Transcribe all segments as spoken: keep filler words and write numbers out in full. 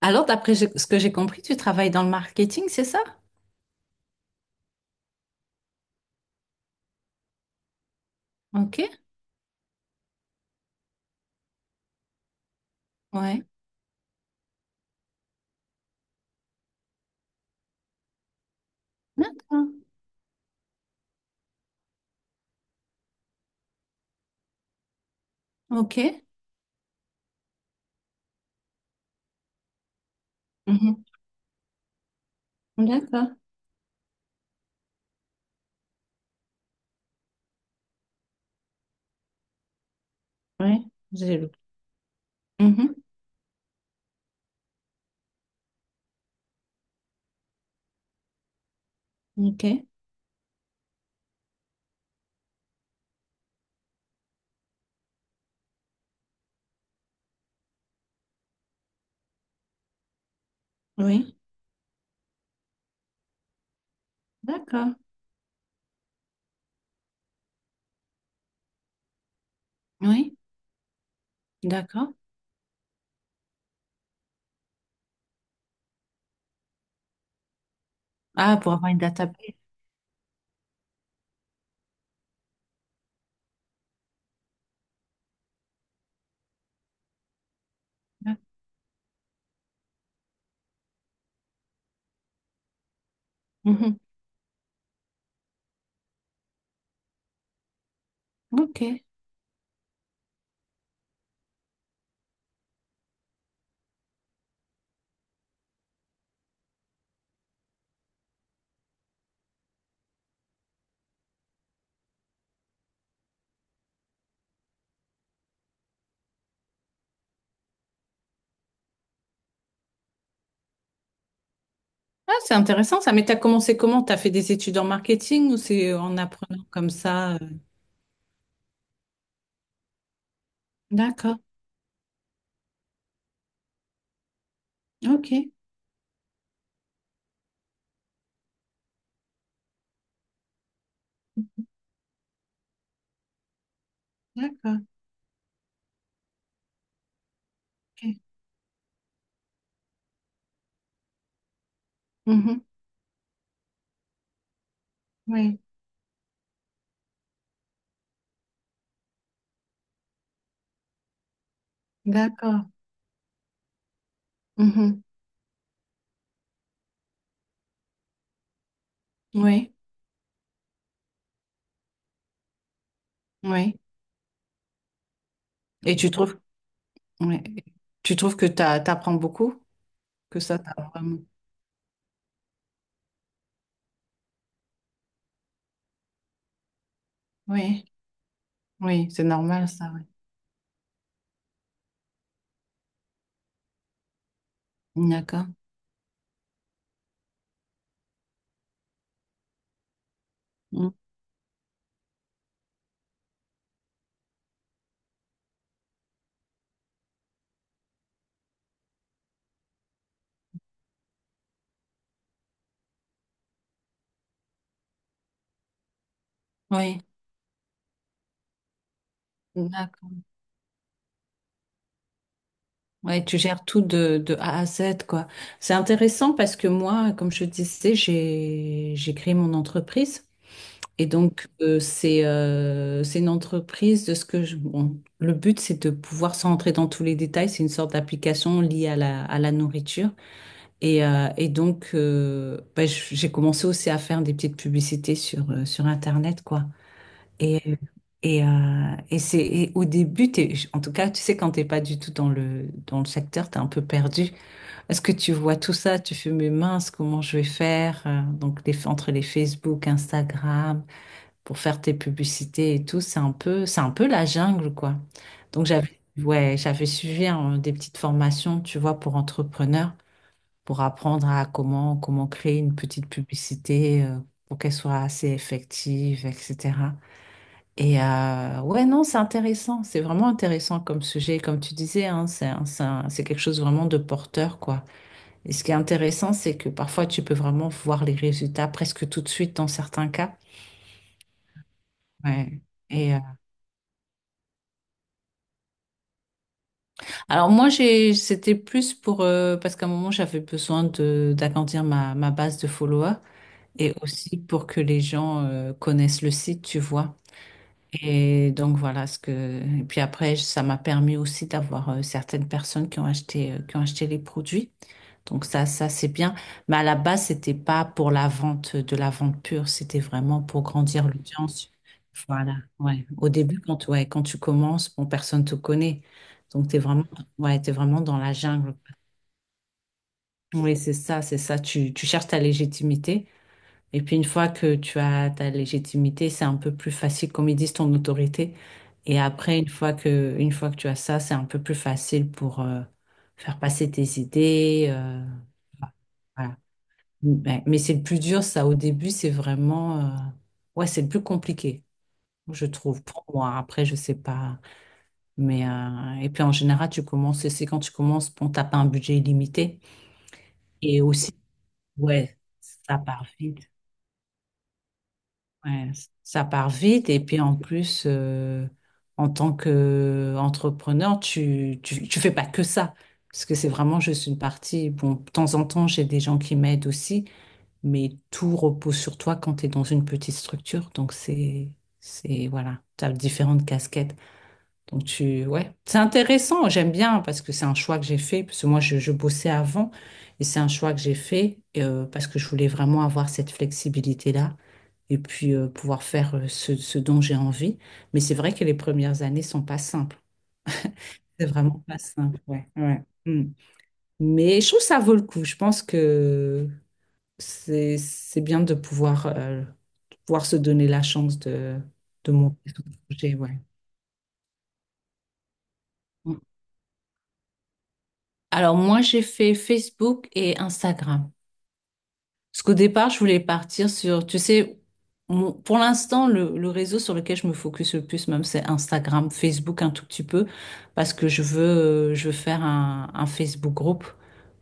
Alors, d'après ce ce que j'ai compris, tu travailles dans le marketing, c'est ça? Ok, ouais. D'accord. Ok. Mhm. D'accord. Oui. J'ai le- Mhm. Ok. Oui. D'accord. Oui. D'accord. Ah, pour avoir une database. Ouais. Mhm. Ok. Ah, c'est intéressant ça. Mais tu as commencé comment? Tu as fait des études en marketing ou c'est en apprenant comme ça? euh D'accord. Ok. D'accord. Ok. Mhm. Oui. D'accord. Mhm. Oui. Oui. Et tu trouves Ouais. Tu trouves que t'as t'apprends beaucoup? Que ça t'a vraiment... Oui, oui, c'est normal ça, oui. D'accord. Mm. Oui, d'accord. Ouais, tu gères tout de, de A à Z, quoi. C'est intéressant parce que moi, comme je te disais, j'ai j'ai créé mon entreprise. Et donc, euh, c'est euh, c'est une entreprise de ce que je... Bon, le but, c'est de pouvoir, sans rentrer dans tous les détails, c'est une sorte d'application liée à la, à la nourriture. Et, euh, et donc, euh, bah, j- j'ai commencé aussi à faire des petites publicités sur, euh, sur Internet, quoi. Et, et, euh, et c'est et au début, t'es- en tout cas, tu sais, quand t'es pas du tout dans le, dans le secteur, t'es un peu perdu. Est-ce que tu vois tout ça? Tu fais, mais mince, comment je vais faire? Euh, Donc, les, entre les Facebook, Instagram, pour faire tes publicités et tout, c'est un peu, c'est un peu la jungle, quoi. Donc, j'avais, ouais, j'avais suivi hein, des petites formations, tu vois, pour entrepreneurs pour apprendre à comment, comment créer une petite publicité euh, pour qu'elle soit assez effective, et cetera. Et euh, ouais, non, c'est intéressant, c'est vraiment intéressant comme sujet, comme tu disais, hein, c'est un- c'est un- c'est quelque chose vraiment de porteur, quoi. Et ce qui est intéressant, c'est que parfois tu peux vraiment voir les résultats presque tout de suite dans certains cas. Ouais. Et euh, alors moi j'ai c'était plus pour euh, parce qu'à un moment j'avais besoin de d'agrandir ma, ma base de followers. Et aussi pour que les gens euh, connaissent le site, tu vois. Et donc voilà ce que. Et puis après, ça m'a permis aussi d'avoir euh, certaines personnes qui ont acheté, euh, qui ont acheté les produits. Donc ça, ça c'est bien. Mais à la base, c'était pas pour la vente, euh, de la vente pure. C'était vraiment pour grandir l'audience. Voilà. Ouais. Au début, quand, ouais, quand tu commences, bon, personne te connaît. Donc t'es vraiment, ouais, t'es vraiment dans la jungle. Oui, c'est ça, c'est ça. Tu, tu cherches ta légitimité. Et puis une fois que tu as ta légitimité, c'est un peu plus facile, comme ils disent, ton autorité. Et après, une fois que, une fois que tu as ça, c'est un peu plus facile pour euh, faire passer tes idées. Euh, voilà. Mais, mais c'est le plus dur, ça, au début, c'est vraiment... euh, ouais, c'est le plus compliqué, je trouve, pour moi. Après, je sais pas. Mais, euh, et puis en général, tu commences, c'est quand tu commences, bon, t'as pas un budget illimité. Et aussi, ouais, ça part vite. Ouais, ça part vite et puis en plus, euh, en tant qu'entrepreneur, tu, tu, tu fais pas que ça, parce que c'est vraiment juste une partie. Bon, de temps en temps, j'ai des gens qui m'aident aussi, mais tout repose sur toi quand tu es dans une petite structure. Donc c'est, c'est, voilà, tu as différentes casquettes. Donc tu, ouais, c'est intéressant. J'aime bien parce que c'est un choix que j'ai fait parce que moi je, je bossais avant et c'est un choix que j'ai fait euh, parce que je voulais vraiment avoir cette flexibilité-là et puis euh, pouvoir faire euh, ce, ce dont j'ai envie. Mais c'est vrai que les premières années sont pas simples. C'est vraiment pas simple. Ouais, ouais. Mm. Mais je trouve que ça vaut le coup. Je pense que c'est c'est bien de pouvoir euh, de pouvoir se donner la chance de de monter son projet. Ouais. Alors moi, j'ai fait Facebook et Instagram. Parce qu'au départ, je voulais partir sur, tu sais, mon- pour l'instant, le, le réseau sur lequel je me focus le plus, même, c'est Instagram, Facebook un tout petit peu, parce que je veux, euh, je veux faire un, un Facebook groupe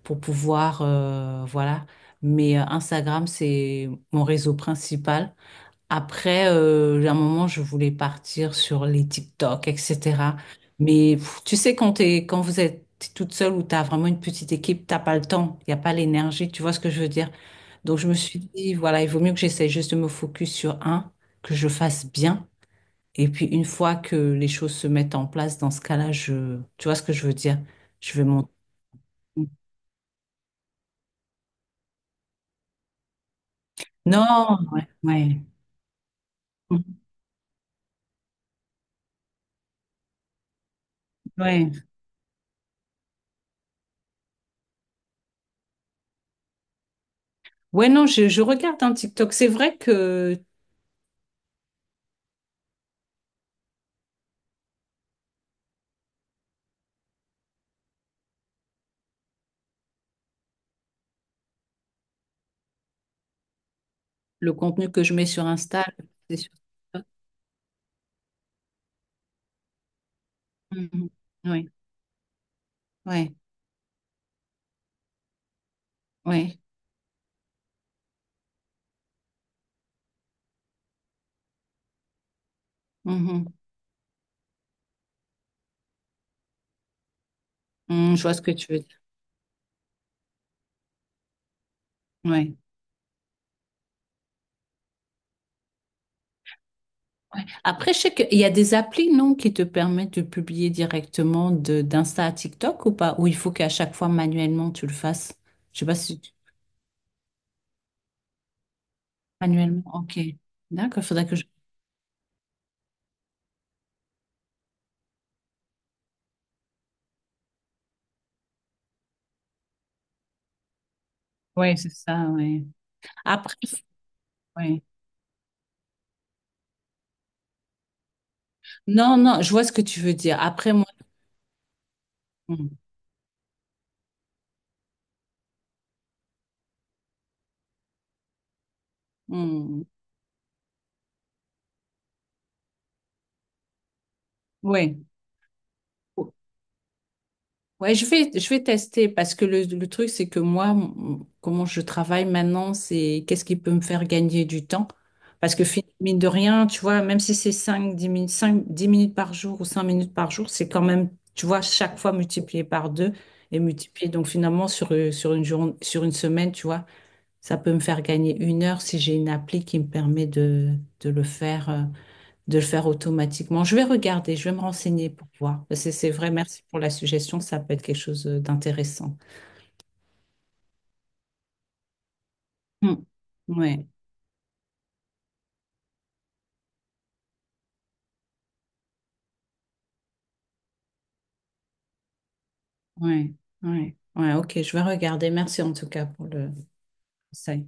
pour pouvoir, euh, voilà. Mais euh, Instagram, c'est mon réseau principal. Après, euh, à un moment, je voulais partir sur les TikTok, et cetera. Mais pff, tu sais, quand t'es, quand vous êtes toute seule ou t'as vraiment une petite équipe, t'as pas le temps, il n'y a pas l'énergie, tu vois ce que je veux dire? Donc, je me suis dit, voilà, il vaut mieux que j'essaie juste de me focus sur un, que je fasse bien. Et puis, une fois que les choses se mettent en place, dans ce cas-là, je, tu vois ce que je veux dire? Je vais monter. Non, ouais, ouais. Ouais, ouais, non, je, je regarde un TikTok. C'est vrai que le contenu que je mets sur Insta, c'est sur... Mhm. Oui, oui, oui. Mhm. Mhm, je vois ce que tu veux dire. Oui. Ouais. Après, je sais qu'il y a des applis, non, qui te permettent de publier directement de d'Insta à TikTok ou pas? Ou il faut qu'à chaque fois manuellement tu le fasses? Je sais pas si tu... manuellement. Ok. D'accord, faudrait que je. Oui, c'est ça, oui. Après, oui. Non, non, je vois ce que tu veux dire. Après, moi. Oui. Ouais, je vais, je vais tester parce que le, le truc, c'est que moi, m- comment je travaille maintenant, c'est qu'est-ce qui peut me faire gagner du temps? Parce que fin mine de rien, tu vois, même si c'est cinq dix minutes, cinq dix minutes par jour ou cinq minutes par jour, c'est quand même, tu vois, chaque fois multiplié par deux et multiplié. Donc finalement, sur, euh, sur une journée, sur une semaine, tu vois, ça peut me faire gagner une heure si j'ai une appli qui me permet de, de le faire. Euh, de le faire automatiquement. Je vais regarder, je vais me renseigner pour voir. C'est, c'est vrai, merci pour la suggestion, ça peut être quelque chose euh, d'intéressant. Hmm. Ouais, ouais, ouais, ouais, ok, je vais regarder. Merci en tout cas pour le conseil.